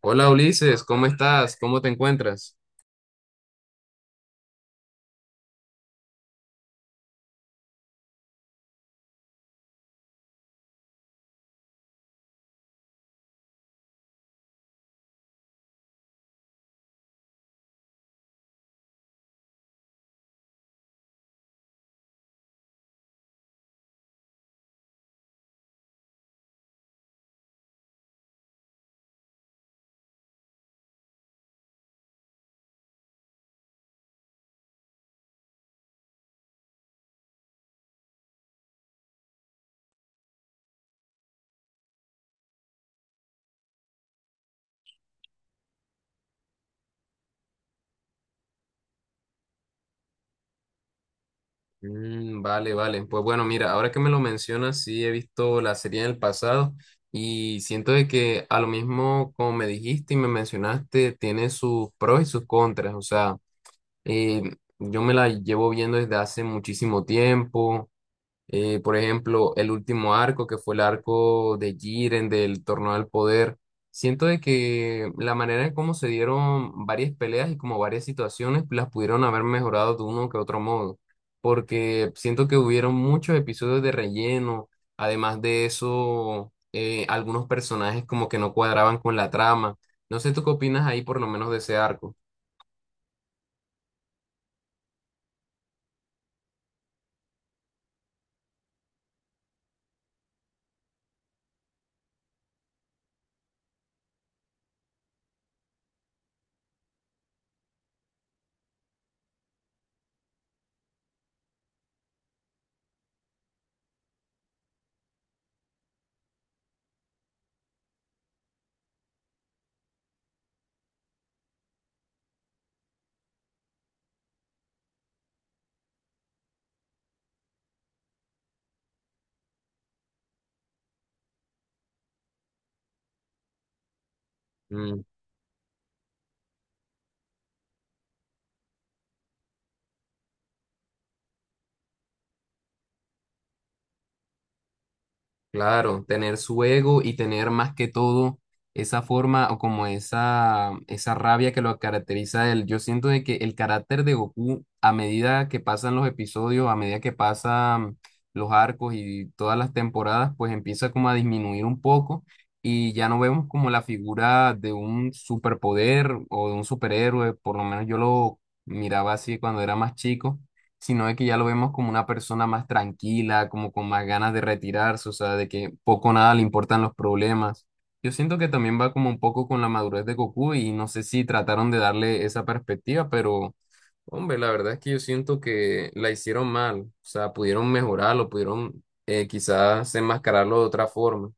Hola Ulises, ¿cómo estás? ¿Cómo te encuentras? Mm, vale, vale. Pues bueno, mira, ahora que me lo mencionas, sí he visto la serie en el pasado y siento de que a lo mismo como me dijiste y me mencionaste, tiene sus pros y sus contras. O sea, eh, yo me la llevo viendo desde hace muchísimo tiempo. Por ejemplo, el último arco, que fue el arco de Jiren del Torneo del Poder. Siento de que la manera en cómo se dieron varias peleas y como varias situaciones las pudieron haber mejorado de uno que otro modo, porque siento que hubieron muchos episodios de relleno, además de eso, algunos personajes como que no cuadraban con la trama. No sé, ¿tú qué opinas ahí por lo menos de ese arco? Claro, tener su ego y tener más que todo esa forma o como esa rabia que lo caracteriza a él. Yo siento de que el carácter de Goku, a medida que pasan los episodios, a medida que pasan los arcos y todas las temporadas, pues empieza como a disminuir un poco y ya no vemos como la figura de un superpoder o de un superhéroe, por lo menos yo lo miraba así cuando era más chico, sino de que ya lo vemos como una persona más tranquila, como con más ganas de retirarse, o sea, de que poco o nada le importan los problemas. Yo siento que también va como un poco con la madurez de Goku y no sé si trataron de darle esa perspectiva, pero hombre, la verdad es que yo siento que la hicieron mal, o sea, pudieron mejorarlo, pudieron quizás enmascararlo de otra forma.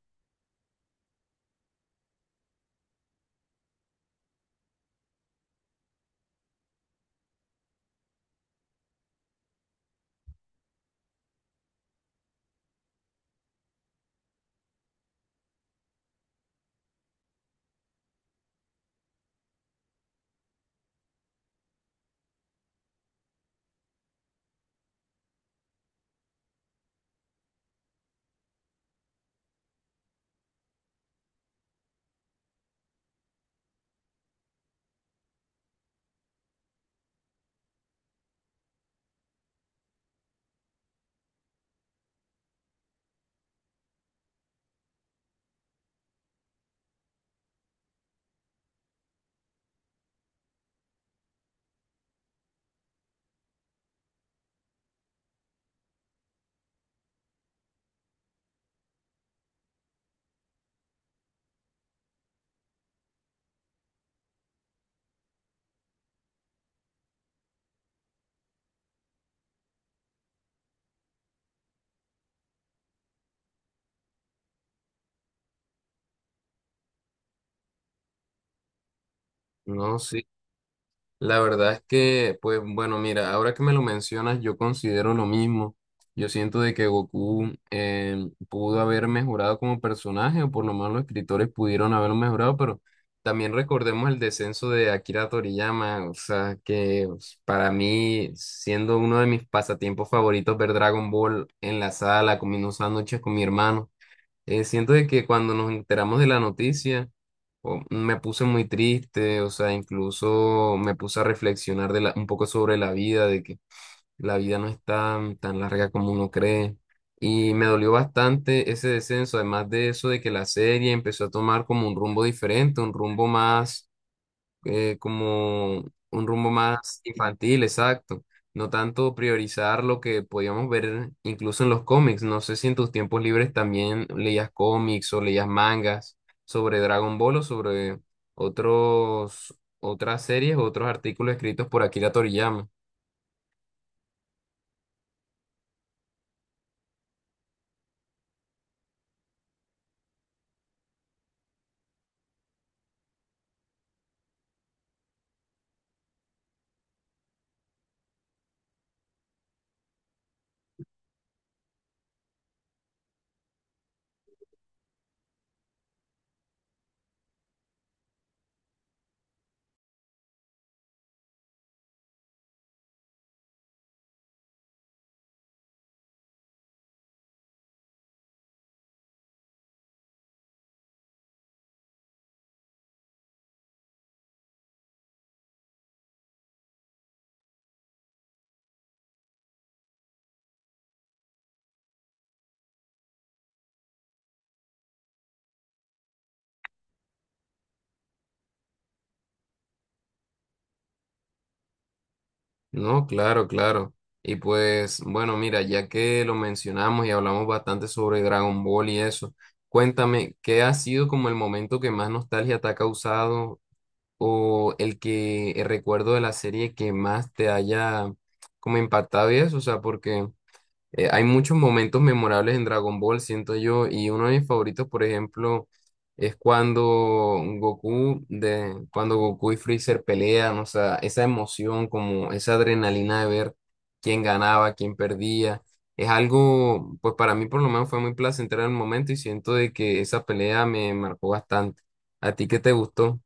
No sé, la verdad es que, pues bueno, mira, ahora que me lo mencionas, yo considero lo mismo. Yo siento de que Goku pudo haber mejorado como personaje, o por lo menos los escritores pudieron haberlo mejorado, pero también recordemos el descenso de Akira Toriyama, o sea, que pues, para mí, siendo uno de mis pasatiempos favoritos, ver Dragon Ball en la sala, comiendo sándwiches con mi hermano, siento de que cuando nos enteramos de la noticia, me puse muy triste, o sea, incluso me puse a reflexionar de un poco sobre la vida, de que la vida no es tan larga como uno cree. Y me dolió bastante ese descenso, además de eso, de que la serie empezó a tomar como un rumbo diferente, un rumbo más como un rumbo más infantil, exacto. No tanto priorizar lo que podíamos ver incluso en los cómics. No sé si en tus tiempos libres también leías cómics o leías mangas sobre Dragon Ball o sobre otras series o otros artículos escritos por Akira Toriyama. No, claro, claro. Y pues, bueno, mira, ya que lo mencionamos y hablamos bastante sobre Dragon Ball y eso. Cuéntame, ¿qué ha sido como el momento que más nostalgia te ha causado o el que el recuerdo de la serie que más te haya como impactado y eso, o sea, porque hay muchos momentos memorables en Dragon Ball, siento yo, y uno de mis favoritos, por ejemplo, es cuando Goku de cuando Goku y Freezer pelean, o sea, esa emoción, como esa adrenalina de ver quién ganaba, quién perdía. Es algo, pues para mí por lo menos fue muy placentero en el momento y siento de que esa pelea me marcó bastante. ¿A ti qué te gustó?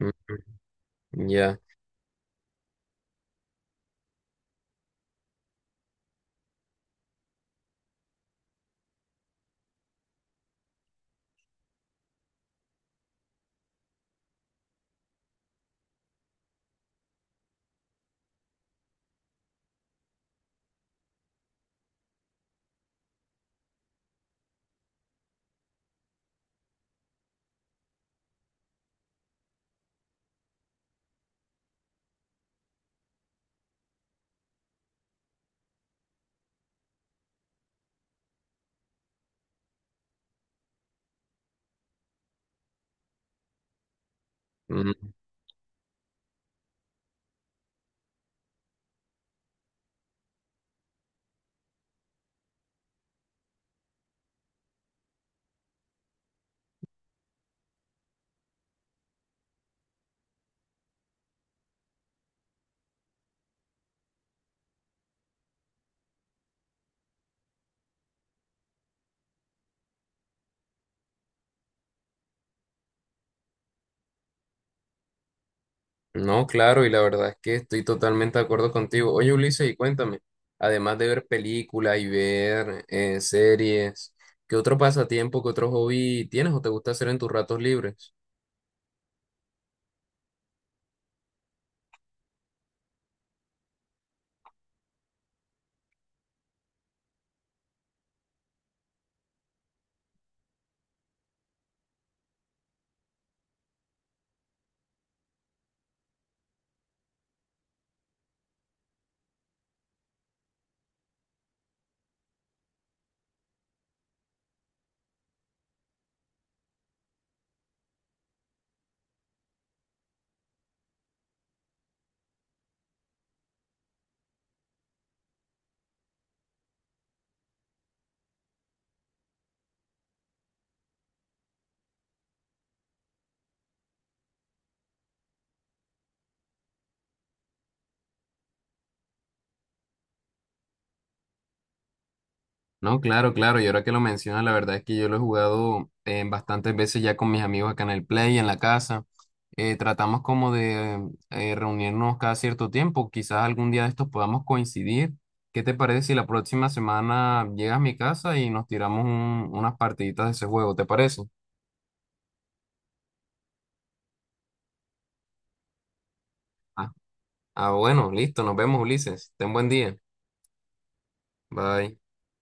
Eh, Ya, Mm, no, claro, y la verdad es que estoy totalmente de acuerdo contigo. Oye, Ulises, y cuéntame, además de ver películas y ver series, ¿qué otro pasatiempo, qué otro hobby tienes o te gusta hacer en tus ratos libres? No, claro, claro. Y ahora que lo mencionas, la verdad es que yo lo he jugado bastantes veces ya con mis amigos acá en el Play, en la casa. Tratamos como de reunirnos cada cierto tiempo. Quizás algún día de estos podamos coincidir. ¿Qué te parece si la próxima semana llegas a mi casa y nos tiramos unas partiditas de ese juego? ¿Te parece? Ah, ah, bueno, listo. Nos vemos, Ulises. Ten buen día. Bye.